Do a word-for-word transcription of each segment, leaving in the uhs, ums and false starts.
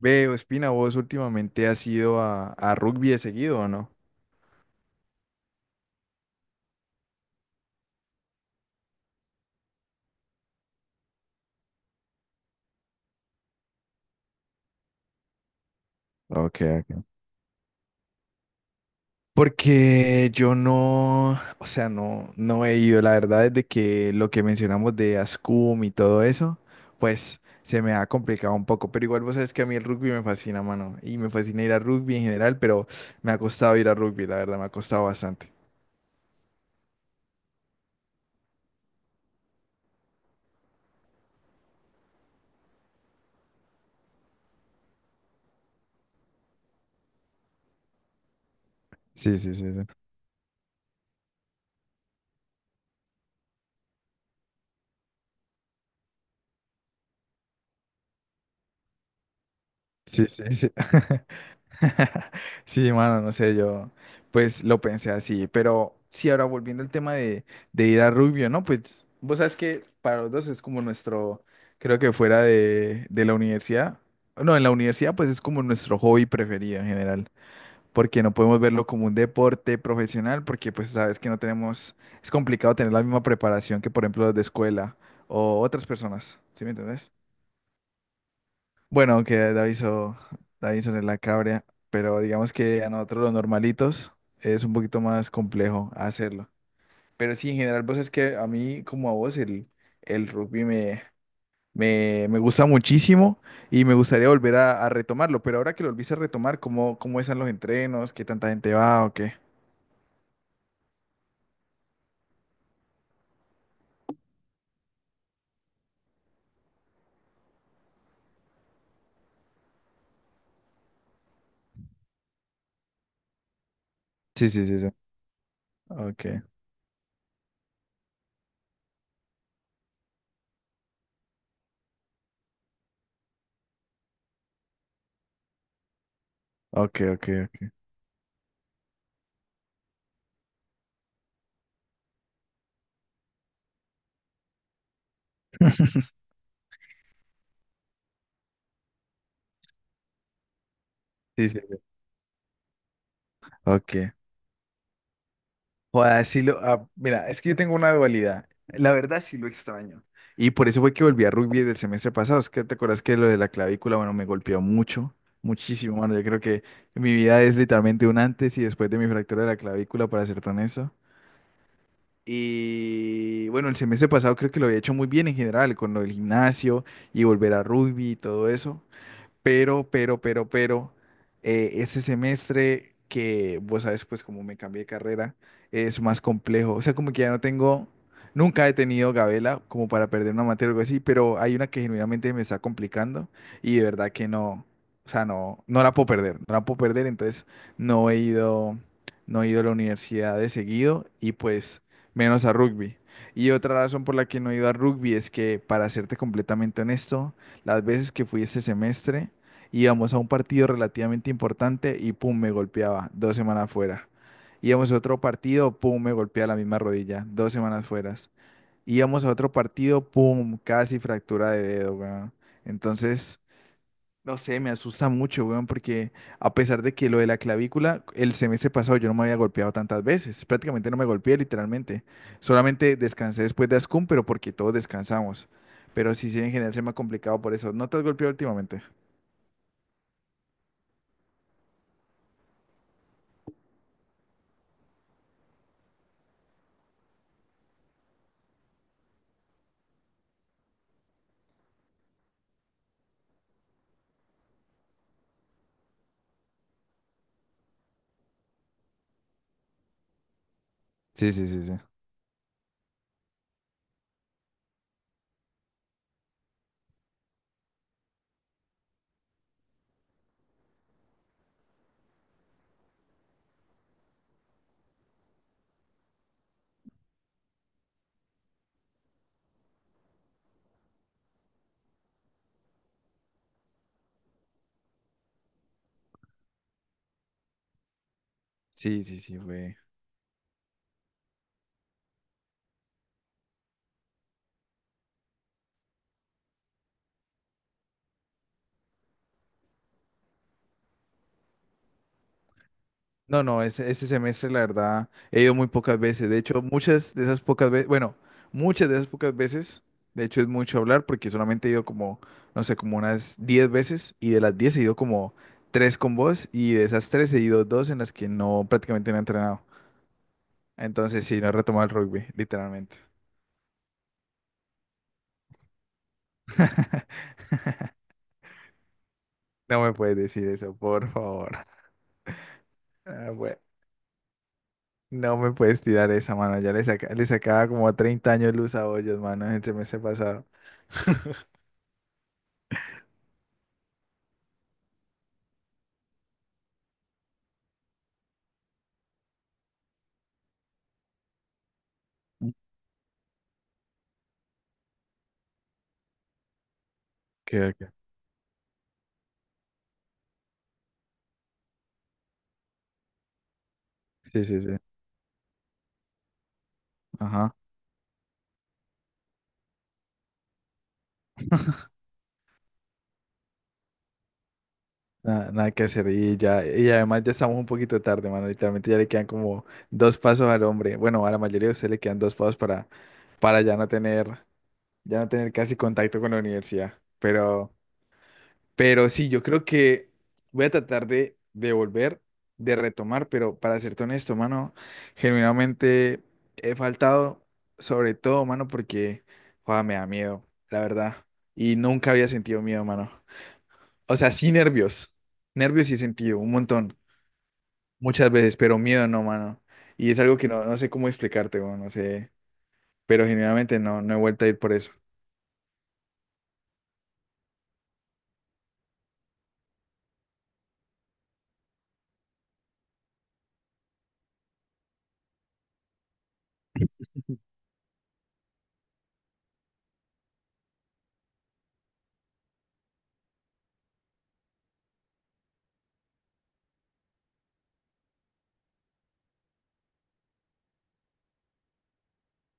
Veo, Espina, vos últimamente has ido a, a rugby de seguido, ¿o no? Ok, ok. Porque yo no, o sea, no, no he ido. La verdad, desde que lo que mencionamos de Ascum y todo eso, pues se me ha complicado un poco. Pero igual vos sabes que a mí el rugby me fascina, mano. Y me fascina ir a rugby en general, pero me ha costado ir a rugby, la verdad, me ha costado bastante. Sí, sí, sí, sí. Sí, sí, sí. Sí, mano, no sé, yo pues lo pensé así, pero sí, ahora volviendo al tema de, de, ir a Rubio, ¿no? Pues vos sabes que para los dos es como nuestro, creo que fuera de, de la universidad, no, en la universidad pues es como nuestro hobby preferido en general, porque no podemos verlo como un deporte profesional, porque pues sabes que no tenemos, es complicado tener la misma preparación que, por ejemplo, los de escuela o otras personas, ¿sí me entendés? Bueno, que Davison, Davison es la cabria, pero digamos que a nosotros los normalitos es un poquito más complejo hacerlo. Pero sí, en general, pues es que a mí, como a vos, el, el, rugby me, me, me gusta muchísimo y me gustaría volver a, a, retomarlo. Pero ahora que lo volviste a retomar, ¿cómo, cómo están los entrenos? ¿Qué tanta gente va o qué? Sí, sí, sí, sí. Ok, ok, ok, ok. Sí, sí, sí. Ok. Joder, sí lo, ah, mira, es que yo tengo una dualidad. La verdad sí lo extraño. Y por eso fue que volví a rugby del semestre pasado. Es que te acuerdas que lo de la clavícula, bueno, me golpeó mucho, muchísimo, mano. Yo creo que mi vida es literalmente un antes y después de mi fractura de la clavícula, para ser honesto. Y bueno, el semestre pasado creo que lo había hecho muy bien en general, con lo del gimnasio y volver a rugby y todo eso. Pero, pero, pero, pero, eh, ese semestre, que vos sabes, pues como me cambié de carrera, es más complejo. O sea, como que ya no tengo, nunca he tenido gabela como para perder una materia o algo así, pero hay una que genuinamente me está complicando y de verdad que no, o sea, no, no la puedo perder, no la puedo perder. Entonces no he ido, no he ido a la universidad de seguido y pues menos a rugby. Y otra razón por la que no he ido a rugby es que, para serte completamente honesto, las veces que fui este semestre, íbamos a un partido relativamente importante y pum, me golpeaba, dos semanas fuera. Íbamos a otro partido, pum, me golpea la misma rodilla, dos semanas fueras. Íbamos a otro partido, pum, casi fractura de dedo, weón. Entonces, no sé, me asusta mucho, weón, porque a pesar de que lo de la clavícula, el semestre pasado yo no me había golpeado tantas veces, prácticamente no me golpeé literalmente. Solamente descansé después de Ascun, pero porque todos descansamos. Pero sí, sí, en general se me ha complicado por eso. ¿No te has golpeado últimamente? Sí, sí, sí, sí. Sí, sí, sí, fue. No, no, ese, ese semestre, la verdad, he ido muy pocas veces. De hecho, muchas de esas pocas veces, bueno, muchas de esas pocas veces, de hecho es mucho hablar, porque solamente he ido como, no sé, como unas diez veces, y de las diez he ido como tres con vos, y de esas tres he ido dos en las que no, prácticamente no he entrenado. Entonces, sí, no he retomado el rugby, literalmente. No me puedes decir eso, por favor. Ah, bueno. No me puedes tirar esa mano, ya le, saca- le sacaba como treinta años luz a hoyos, mano, el semestre pasado. Que, que- Sí, sí, sí. Ajá. Nada, nada que hacer. Y ya, y además ya estamos un poquito tarde, mano. Literalmente ya le quedan como dos pasos al hombre. Bueno, a la mayoría de ustedes le quedan dos pasos para, para, ya no tener, ya no tener casi contacto con la universidad. Pero. Pero sí, yo creo que voy a tratar de, de volver, de retomar, pero para serte honesto, mano, genuinamente he faltado, sobre todo, mano, porque joda, me da miedo, la verdad. Y nunca había sentido miedo, mano. O sea, sí nervios, nervios sí he sentido, un montón, muchas veces, pero miedo no, mano. Y es algo que no, no sé cómo explicarte, weón, no sé, pero genuinamente no, no he vuelto a ir por eso.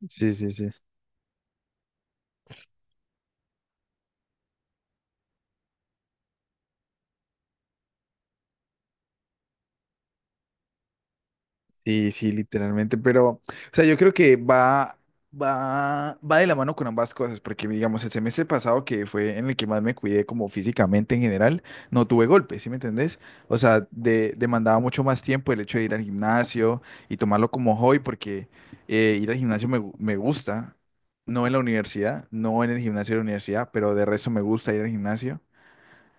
Sí, sí, sí. Sí, sí, literalmente, pero, o sea, yo creo que va, va, va de la mano con ambas cosas, porque digamos, el semestre pasado, que fue en el que más me cuidé como físicamente en general, no tuve golpes, ¿sí me entendés? O sea, de- demandaba mucho más tiempo el hecho de ir al gimnasio y tomarlo como hobby, porque eh, ir al gimnasio me, gu- me gusta, no en la universidad, no en el gimnasio de la universidad, pero de resto me gusta ir al gimnasio,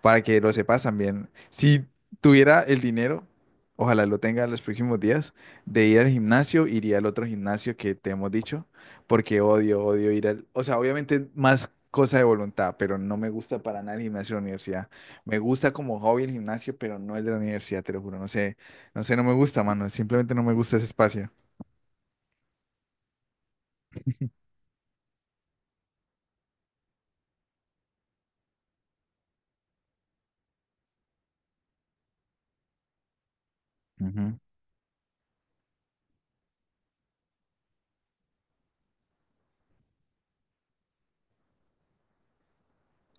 para que lo sepas también. Si tuviera el dinero, ojalá lo tenga en los próximos días, de ir al gimnasio, iría al otro gimnasio que te hemos dicho, porque odio, odio ir al, o sea, obviamente más cosa de voluntad, pero no me gusta para nada el gimnasio de la universidad. Me gusta como hobby el gimnasio, pero no el de la universidad, te lo juro. No sé, no sé, no me gusta, mano. Simplemente no me gusta ese espacio. Ujú.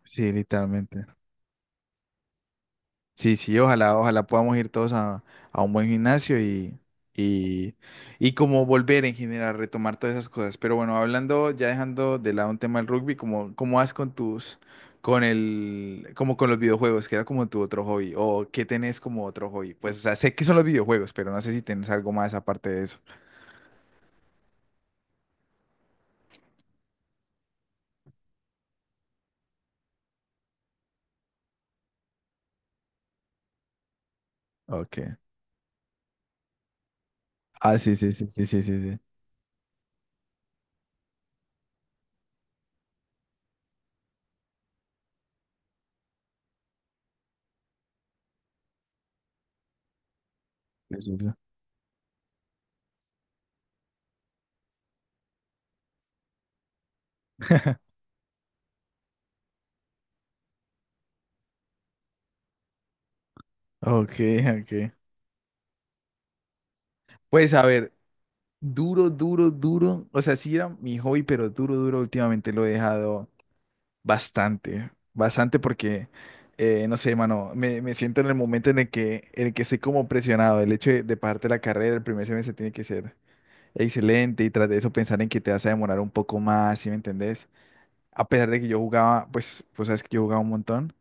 Sí, literalmente. Sí, sí, ojalá, ojalá podamos ir todos a, a, un buen gimnasio y, y, y como volver en general, retomar todas esas cosas. Pero bueno, hablando, ya dejando de lado un tema del rugby, ¿cómo, cómo, vas con tus, con el, como con los videojuegos, que era como tu otro hobby, o qué tenés como otro hobby? Pues, o sea, sé que son los videojuegos, pero no sé si tenés algo más aparte de eso. Ok. Ah, sí, sí, sí, sí, sí, sí, sí. Resulta. Ok, ok. Pues a ver, duro, duro, duro. O sea, sí era mi hobby, pero duro, duro últimamente lo he dejado bastante. Bastante porque, eh, no sé, mano, me, me, siento en el momento en el que, en el que estoy como presionado. El hecho de, de pagarte la carrera, el primer semestre tiene que ser excelente y tras de eso pensar en que te vas a demorar un poco más, ¿sí me entendés? A pesar de que yo jugaba, pues, pues sabes que yo jugaba un montón.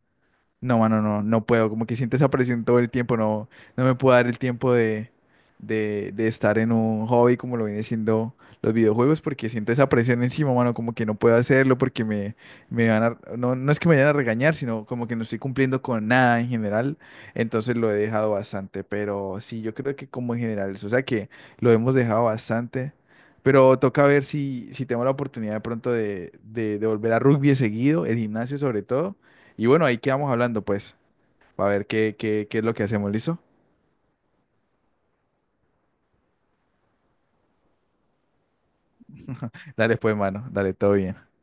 No, mano, no, no puedo. Como que siento esa presión todo el tiempo. No, no me puedo dar el tiempo de, de, de, estar en un hobby como lo viene siendo los videojuegos, porque siento esa presión encima, mano, como que no puedo hacerlo, porque me, me van a, no, no es que me vayan a regañar, sino como que no estoy cumpliendo con nada en general. Entonces lo he dejado bastante. Pero sí, yo creo que como en general eso. O sea que lo hemos dejado bastante. Pero toca ver si, si, tengo la oportunidad de pronto de, de, de volver a rugby seguido, el gimnasio sobre todo, y bueno, ahí quedamos hablando, pues, para ver qué, qué, qué, es lo que hacemos, ¿listo? Dale, pues, mano, dale, todo bien.